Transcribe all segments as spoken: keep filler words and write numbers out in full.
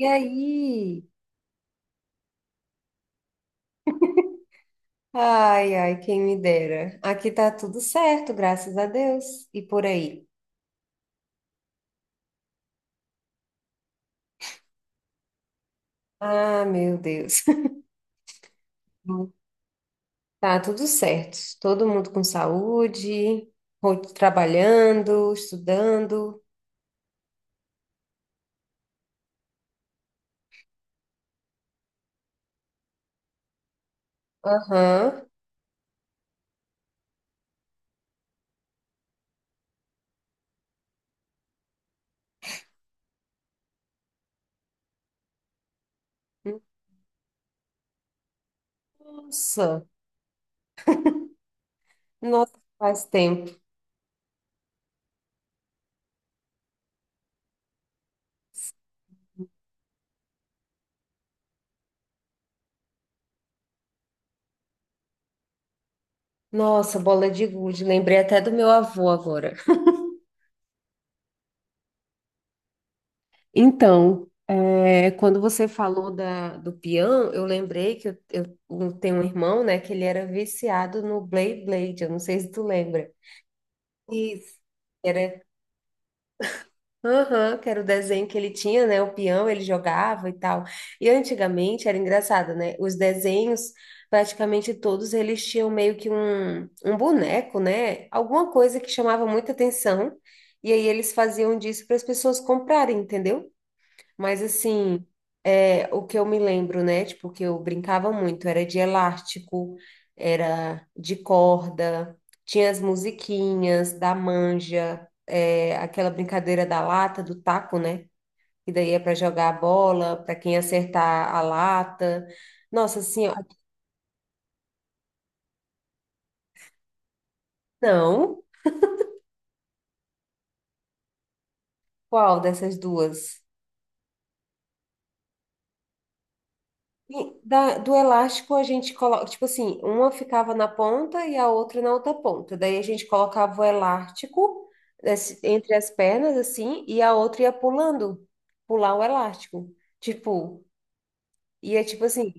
E aí? Ai, ai, quem me dera. Aqui tá tudo certo, graças a Deus. E por aí? Ah, meu Deus. Tá tudo certo. Todo mundo com saúde, ro- trabalhando, estudando. Aham. Nossa, nossa, faz tempo. Nossa, bola de gude. Lembrei até do meu avô agora. Então, é, quando você falou da, do peão, eu lembrei que eu, eu- eu tenho um irmão, né, que ele era viciado no Blade Blade, eu não sei se tu lembra. Isso. Era, aham, que era o desenho que ele tinha, né, o peão, ele jogava e tal. E antigamente era engraçado, né, os desenhos, praticamente todos eles tinham meio que um, um boneco, né, alguma coisa que chamava muita atenção, e aí eles faziam disso para as pessoas comprarem, entendeu? Mas assim, é, o que eu me lembro, né? Tipo, que eu brincava muito, era de elástico, era de corda, tinha as musiquinhas da manja, é, aquela brincadeira da lata, do taco, né? Que daí é para jogar a bola, para quem acertar a lata. Nossa, assim, ó, não, qual dessas duas? E da- do elástico a gente coloca, tipo assim, uma ficava na ponta e a outra na outra ponta. Daí a gente colocava o elástico esse- entre as pernas, assim, e a outra ia pulando, pular o elástico. Tipo, ia tipo assim,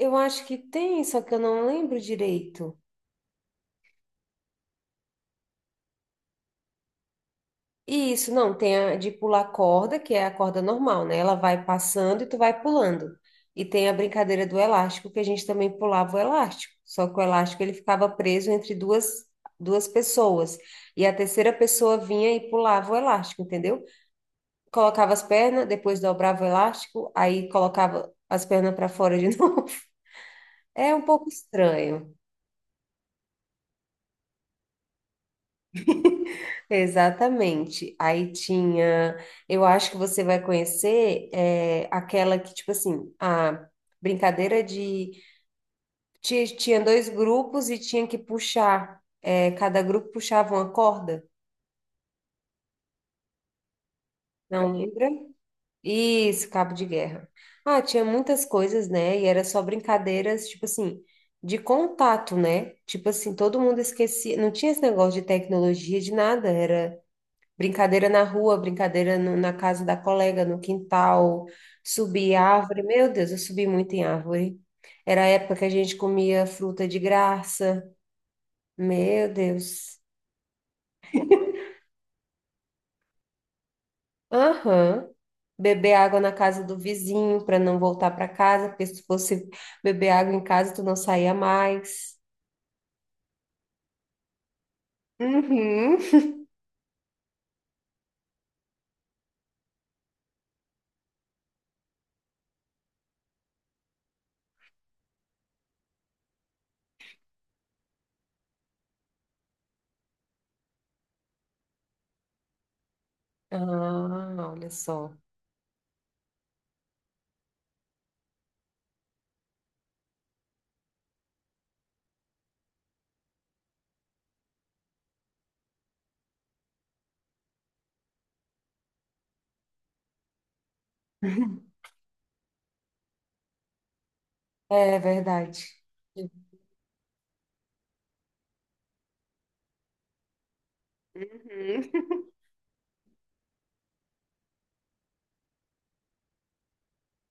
eu acho que tem, só que eu não lembro direito. E isso, não, tem a de pular corda, que é a corda normal, né? Ela vai passando e tu vai pulando. E tem a brincadeira do elástico, que a gente também pulava o elástico. Só que o elástico ele ficava preso entre duas, duas pessoas. E a terceira pessoa vinha e pulava o elástico, entendeu? Colocava as pernas, depois dobrava o elástico, aí colocava as pernas para fora de novo. É um pouco estranho. Exatamente. Aí tinha, eu acho que você vai conhecer é, aquela que, tipo assim, a brincadeira de. ti- Tinha dois grupos e tinha que puxar, é, cada grupo puxava uma corda, não lembra? Isso, cabo de guerra. Ah, tinha muitas coisas, né? E era só brincadeiras, tipo assim, de contato, né? Tipo assim, todo mundo esquecia, não tinha esse negócio de tecnologia, de nada, era. Brincadeira na rua, brincadeira no- na casa da colega, no quintal, subir árvore. Meu Deus, eu subi muito em árvore. Era a época que a gente comia fruta de graça. Meu Deus. Aham. Beber água na casa do vizinho para não voltar para casa, porque se fosse beber água em casa, tu não saía mais. Uhum. Ah, olha só. É verdade. Uhum.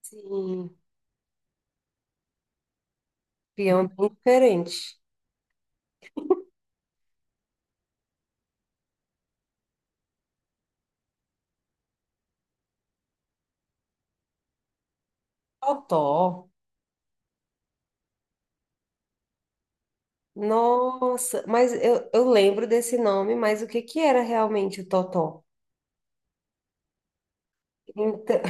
Sim, peão bem diferente. Totó. Nossa, mas eu, eu lembro desse nome, mas o que que era realmente o Totó? Então,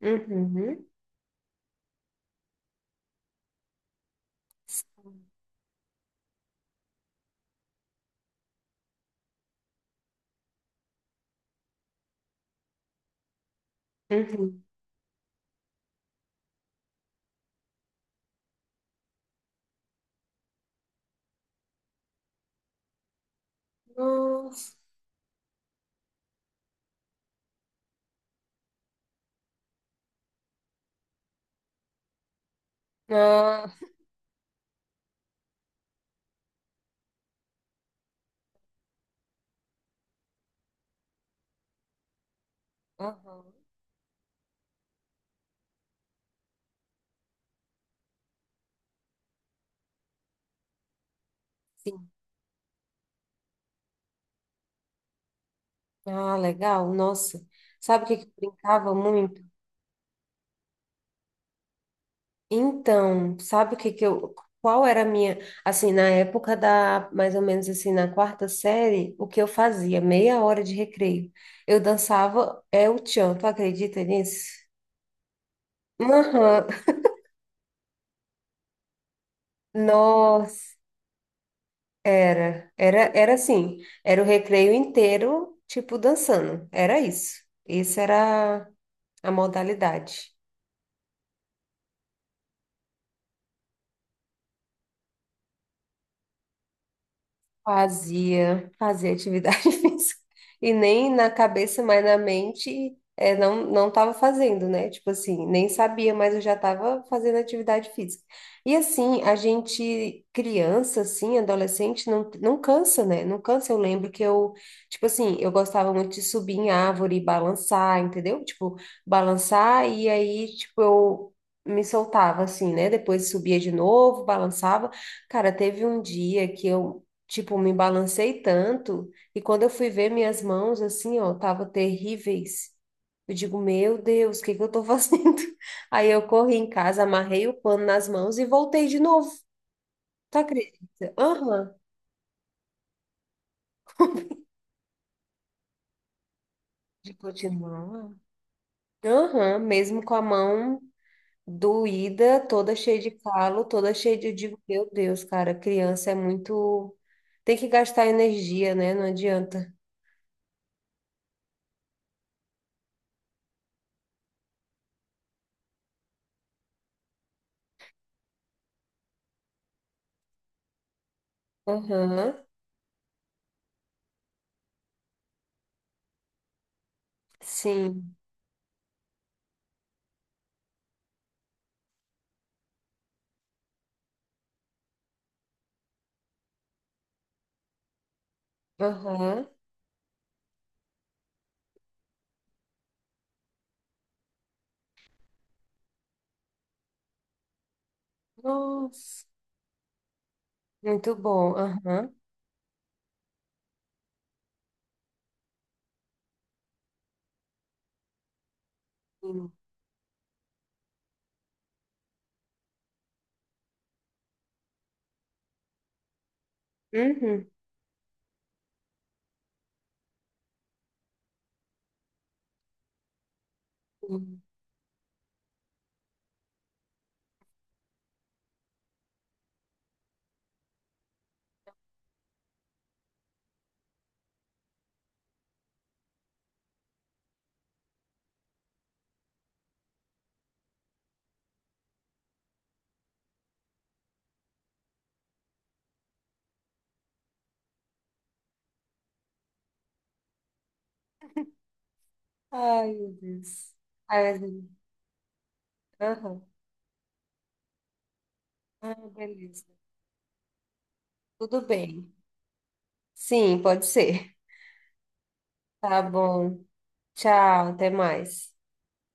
uhum, uhum. Nossa. Ah, aham, sim. Ah, legal, nossa. Sabe o que que eu brincava muito? Então, sabe o que que eu, qual era a minha, assim, na época da, mais ou menos assim, na quarta série, o que eu fazia? Meia hora de recreio. Eu dançava é o tchan, tu acredita nisso? Aham. Nossa, era, era, era assim, era o recreio inteiro, tipo, dançando, era isso. Isso era a modalidade. Fazia, fazia atividade física. E nem na cabeça, mas na mente, é, não, não tava fazendo, né? Tipo assim, nem sabia, mas eu já tava fazendo atividade física. E assim, a gente, criança, assim, adolescente, não, não cansa, né? Não cansa. Eu lembro que eu, tipo assim, eu gostava muito de subir em árvore e balançar, entendeu? Tipo, balançar e aí, tipo, eu me soltava, assim, né? Depois subia de novo, balançava. Cara, teve um dia que eu tipo, me balancei tanto e quando eu fui ver minhas mãos assim, ó, tava terríveis. Eu digo, meu Deus, o que que eu tô fazendo? Aí eu corri em casa, amarrei o pano nas mãos e voltei de novo. Tu acredita? Aham. De continuar. Aham, mesmo com a mão doída, toda cheia de calo, toda cheia de, eu digo, meu Deus, cara, criança é muito tem que gastar energia, né? Não adianta. Aham. Sim. Aham. Nossa. Muito bom. Aham. Sim. Uhum. Sim. Ai, meu Deus. Ai, meu Deus. Aham. Ah, beleza. Tudo bem. Sim, pode ser. Tá bom. Tchau, até mais.